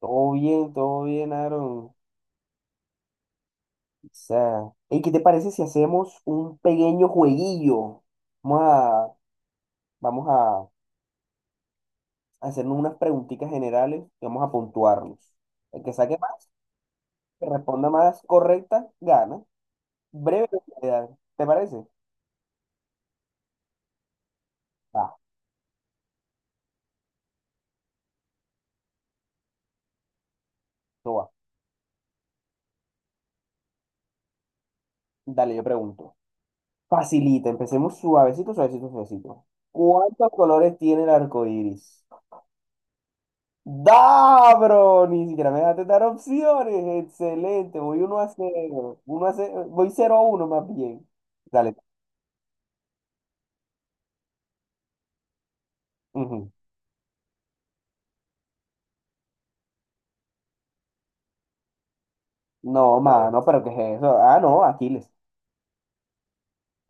Todo bien, Aaron. O sea, ¿y qué te parece si hacemos un pequeño jueguillo? Vamos a, vamos a hacernos unas preguntitas generales y vamos a puntuarnos. El que saque más, que responda más correcta, gana. Breve, realidad. ¿Te parece? Va, eso va. Dale, yo pregunto. Facilita, empecemos suavecito, suavecito, suavecito. ¿Cuántos colores tiene el arco iris? Da, bro, ni siquiera me dejaste dar opciones. Excelente, voy uno a cero, uno a cero, voy cero a uno más bien. Dale. Ujú. No, dale, mano, pero ¿qué es eso? Ah, no, Aquiles.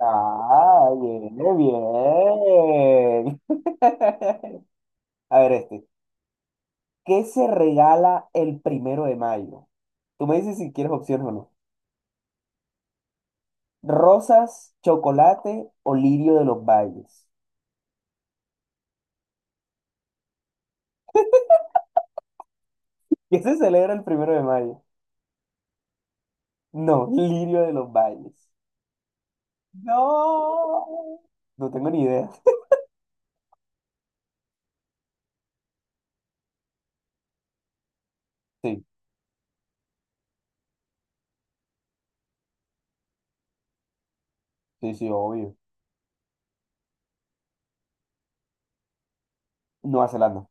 Ah, bien, bien. A ver. ¿Qué se regala el primero de mayo? Tú me dices si quieres opciones o no. ¿Rosas, chocolate o lirio de los valles? ¿Qué se celebra el primero de mayo? No, lirio de los valles. No. No tengo ni idea. Sí, sí, sí, obvio. Nueva Zelanda.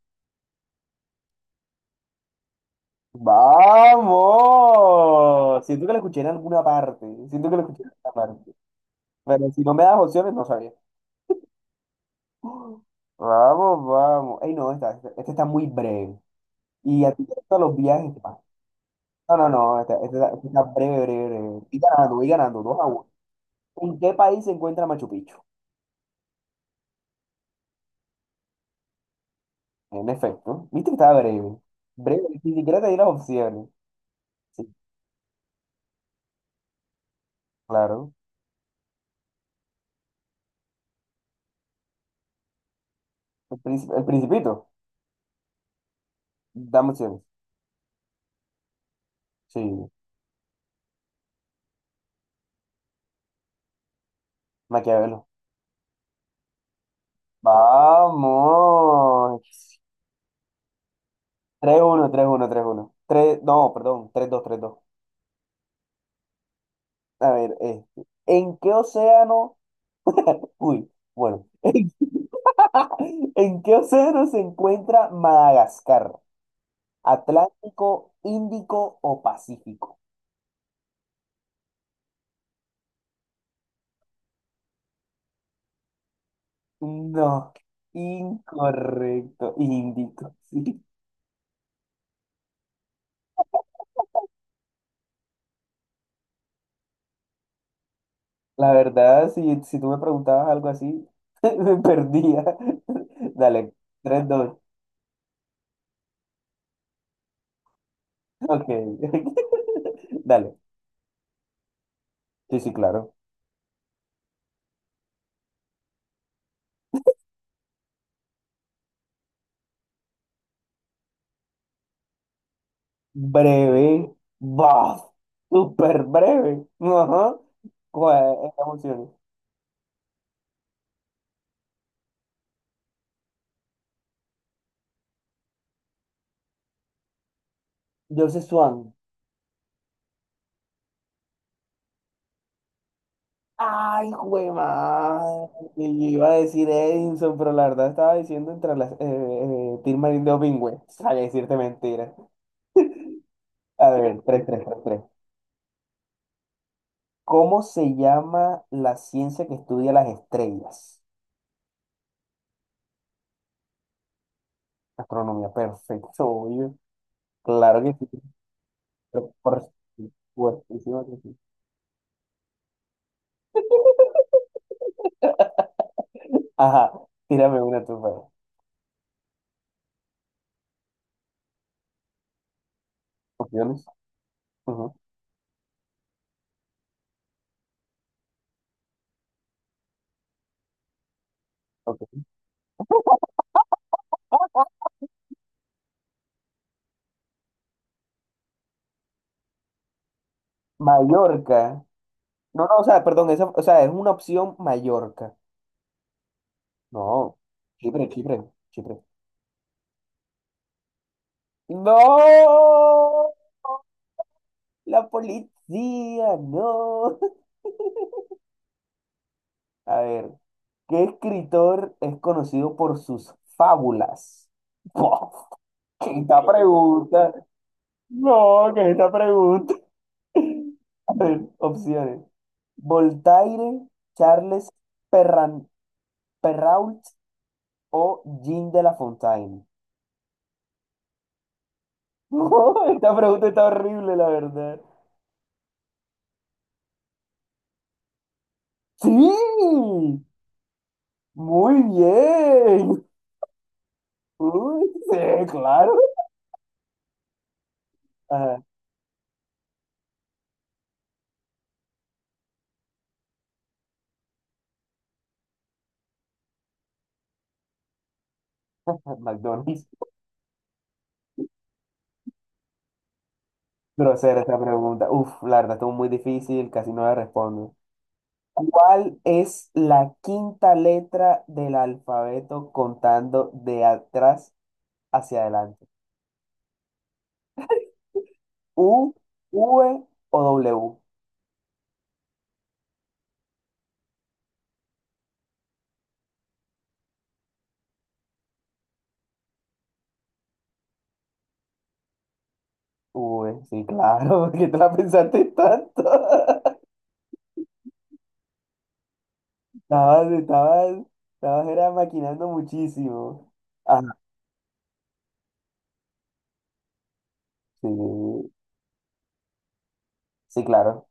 ¡Vamos! Siento que lo escuché en alguna parte. Siento que lo escuché en alguna parte. Pero si no me das opciones, no sabía. Vamos, vamos. Ey, no, esta está muy breve. Y a ti te gustan los viajes. Pa. No, no, no. Esta está breve, breve, breve. Y ganando, y ganando. 2-1. ¿En qué país se encuentra Machu Picchu? En efecto. Viste que estaba breve. Breve. Ni siquiera te di las opciones. Sí, claro. El Principito. Dame opciones. Sí, Maquiavelo. Vamos. Tres uno, tres uno, tres uno, tres, no, perdón, tres dos, tres dos. A ver, ¿en qué océano? Uy, bueno. ¿En qué océano se encuentra Madagascar? ¿Atlántico, Índico o Pacífico? No, incorrecto, Índico. Sí. La verdad, si tú me preguntabas algo así, me perdía. Dale, 3 dos, ok. Dale, sí, sí, claro. Breve. ¡Buf! Súper breve. Ajá. ¿Cuál es la emoción? Joseph Swan. Ay, güey, madre. Y yo iba a decir Edison, pero la verdad estaba diciendo entre las Tilmarín de Opingüe. Sabía decirte mentira. A ver, tres tres, tres tres. ¿Cómo se llama la ciencia que estudia las estrellas? Astronomía, perfecto, obvio. Claro que sí. Pero por supuestísimo que sí. Ajá, tírame una tú, pues. Opciones. Ujú, ok. Mallorca. No, no, o sea, perdón, esa, o sea, es una opción Mallorca. No, Chipre, Chipre, Chipre. ¡No! La policía, no. A ver, ¿qué escritor es conocido por sus fábulas? Esta pregunta. No, que es esta pregunta. A ver, opciones. Voltaire, Charles Perran, Perrault o Jean de la Fontaine. Esta pregunta está horrible, la verdad. Sí, muy bien. Uy, sí, claro. Ajá, McDonald's. Grosera esta pregunta. Uf, la verdad, estuvo muy difícil, casi no la respondo. ¿Cuál es la quinta letra del alfabeto contando de atrás hacia adelante? ¿U, V o W? V, sí, claro, porque te la pensaste tanto. Estabas, estabas, estabas era maquinando muchísimo. Ajá, sí, sí, claro.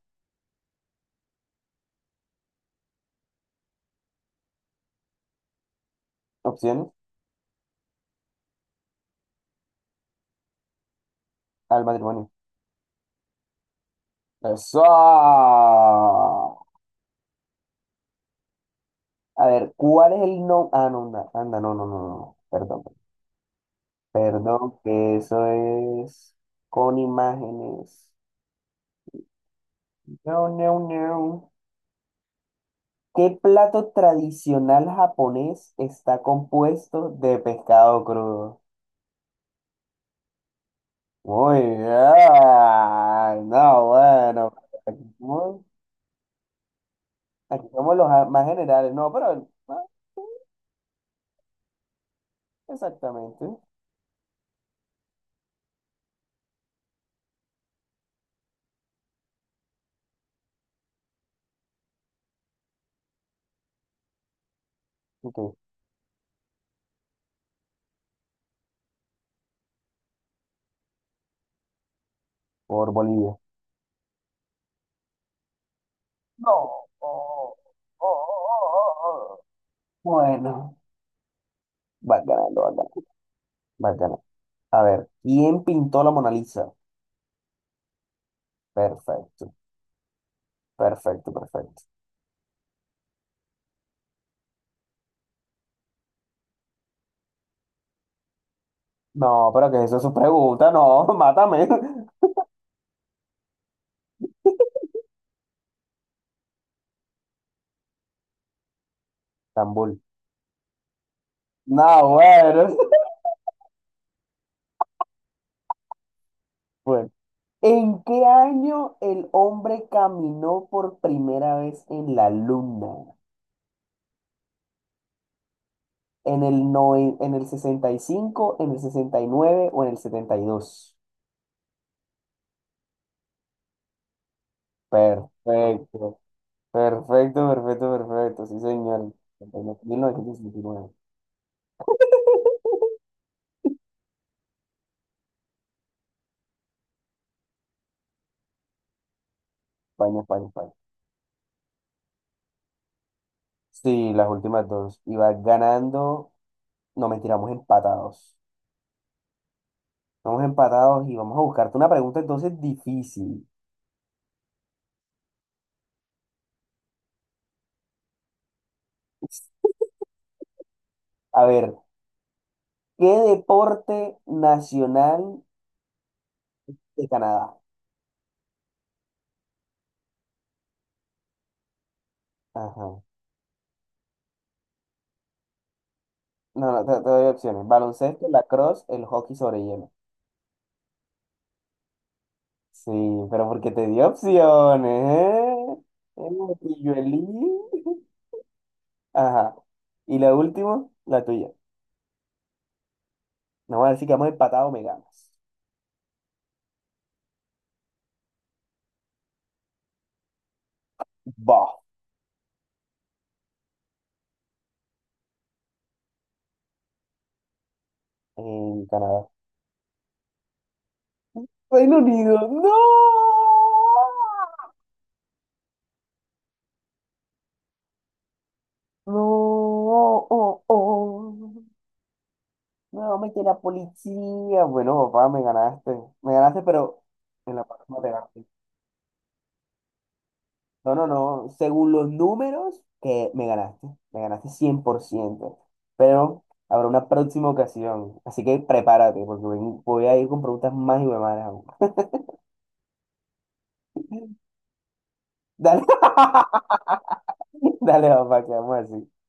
Opciones al matrimonio. ¡Eso! A ver, ¿cuál es el no? Ah, no, anda, anda, no, no, no, no, perdón. Perdón, que eso es con imágenes. No, no, no. ¿Qué plato tradicional japonés está compuesto de pescado crudo? Muy bien. No, bueno. Muy- Aquí somos los más generales. No, pero exactamente. Ok, por Bolivia. No. Oh, oh, oh, oh, oh. Bueno, va ganando, va ganando, va ganando. A ver, ¿quién pintó la Mona Lisa? Perfecto, perfecto, perfecto. No, pero que eso es su pregunta, no, mátame. Estambul. No, bueno. Bueno, ¿en qué año el hombre caminó por primera vez en la luna? ¿En el, no, en el sesenta y cinco, en el 69 o en el setenta y dos? Perfecto, perfecto, perfecto, perfecto. Sí, señor. 1969. España, España, España. Sí, las últimas dos. Iba ganando. No, mentira, vamos empatados. Vamos empatados y vamos a buscarte una pregunta entonces difícil. A ver, ¿qué deporte nacional de Canadá? Ajá. No, no, te doy opciones. Baloncesto, lacrosse, el hockey sobre hielo. Sí, pero porque te di opciones, ¿eh? Pilluelí. Ajá. Y la última, la tuya. No vamos a decir que hemos empatado, me ganas. Bah, en Canadá. Reino Unido, no. No, oh, oh. Oh. No, me la policía. Bueno, papá, me ganaste. Me ganaste, pero en la próxima te ganaste. No, no, no. Según los números, que me ganaste. Me ganaste 100%. Pero habrá una próxima ocasión. Así que prepárate, porque voy a ir con preguntas más y más. Dale, dale, papá, quedamos así.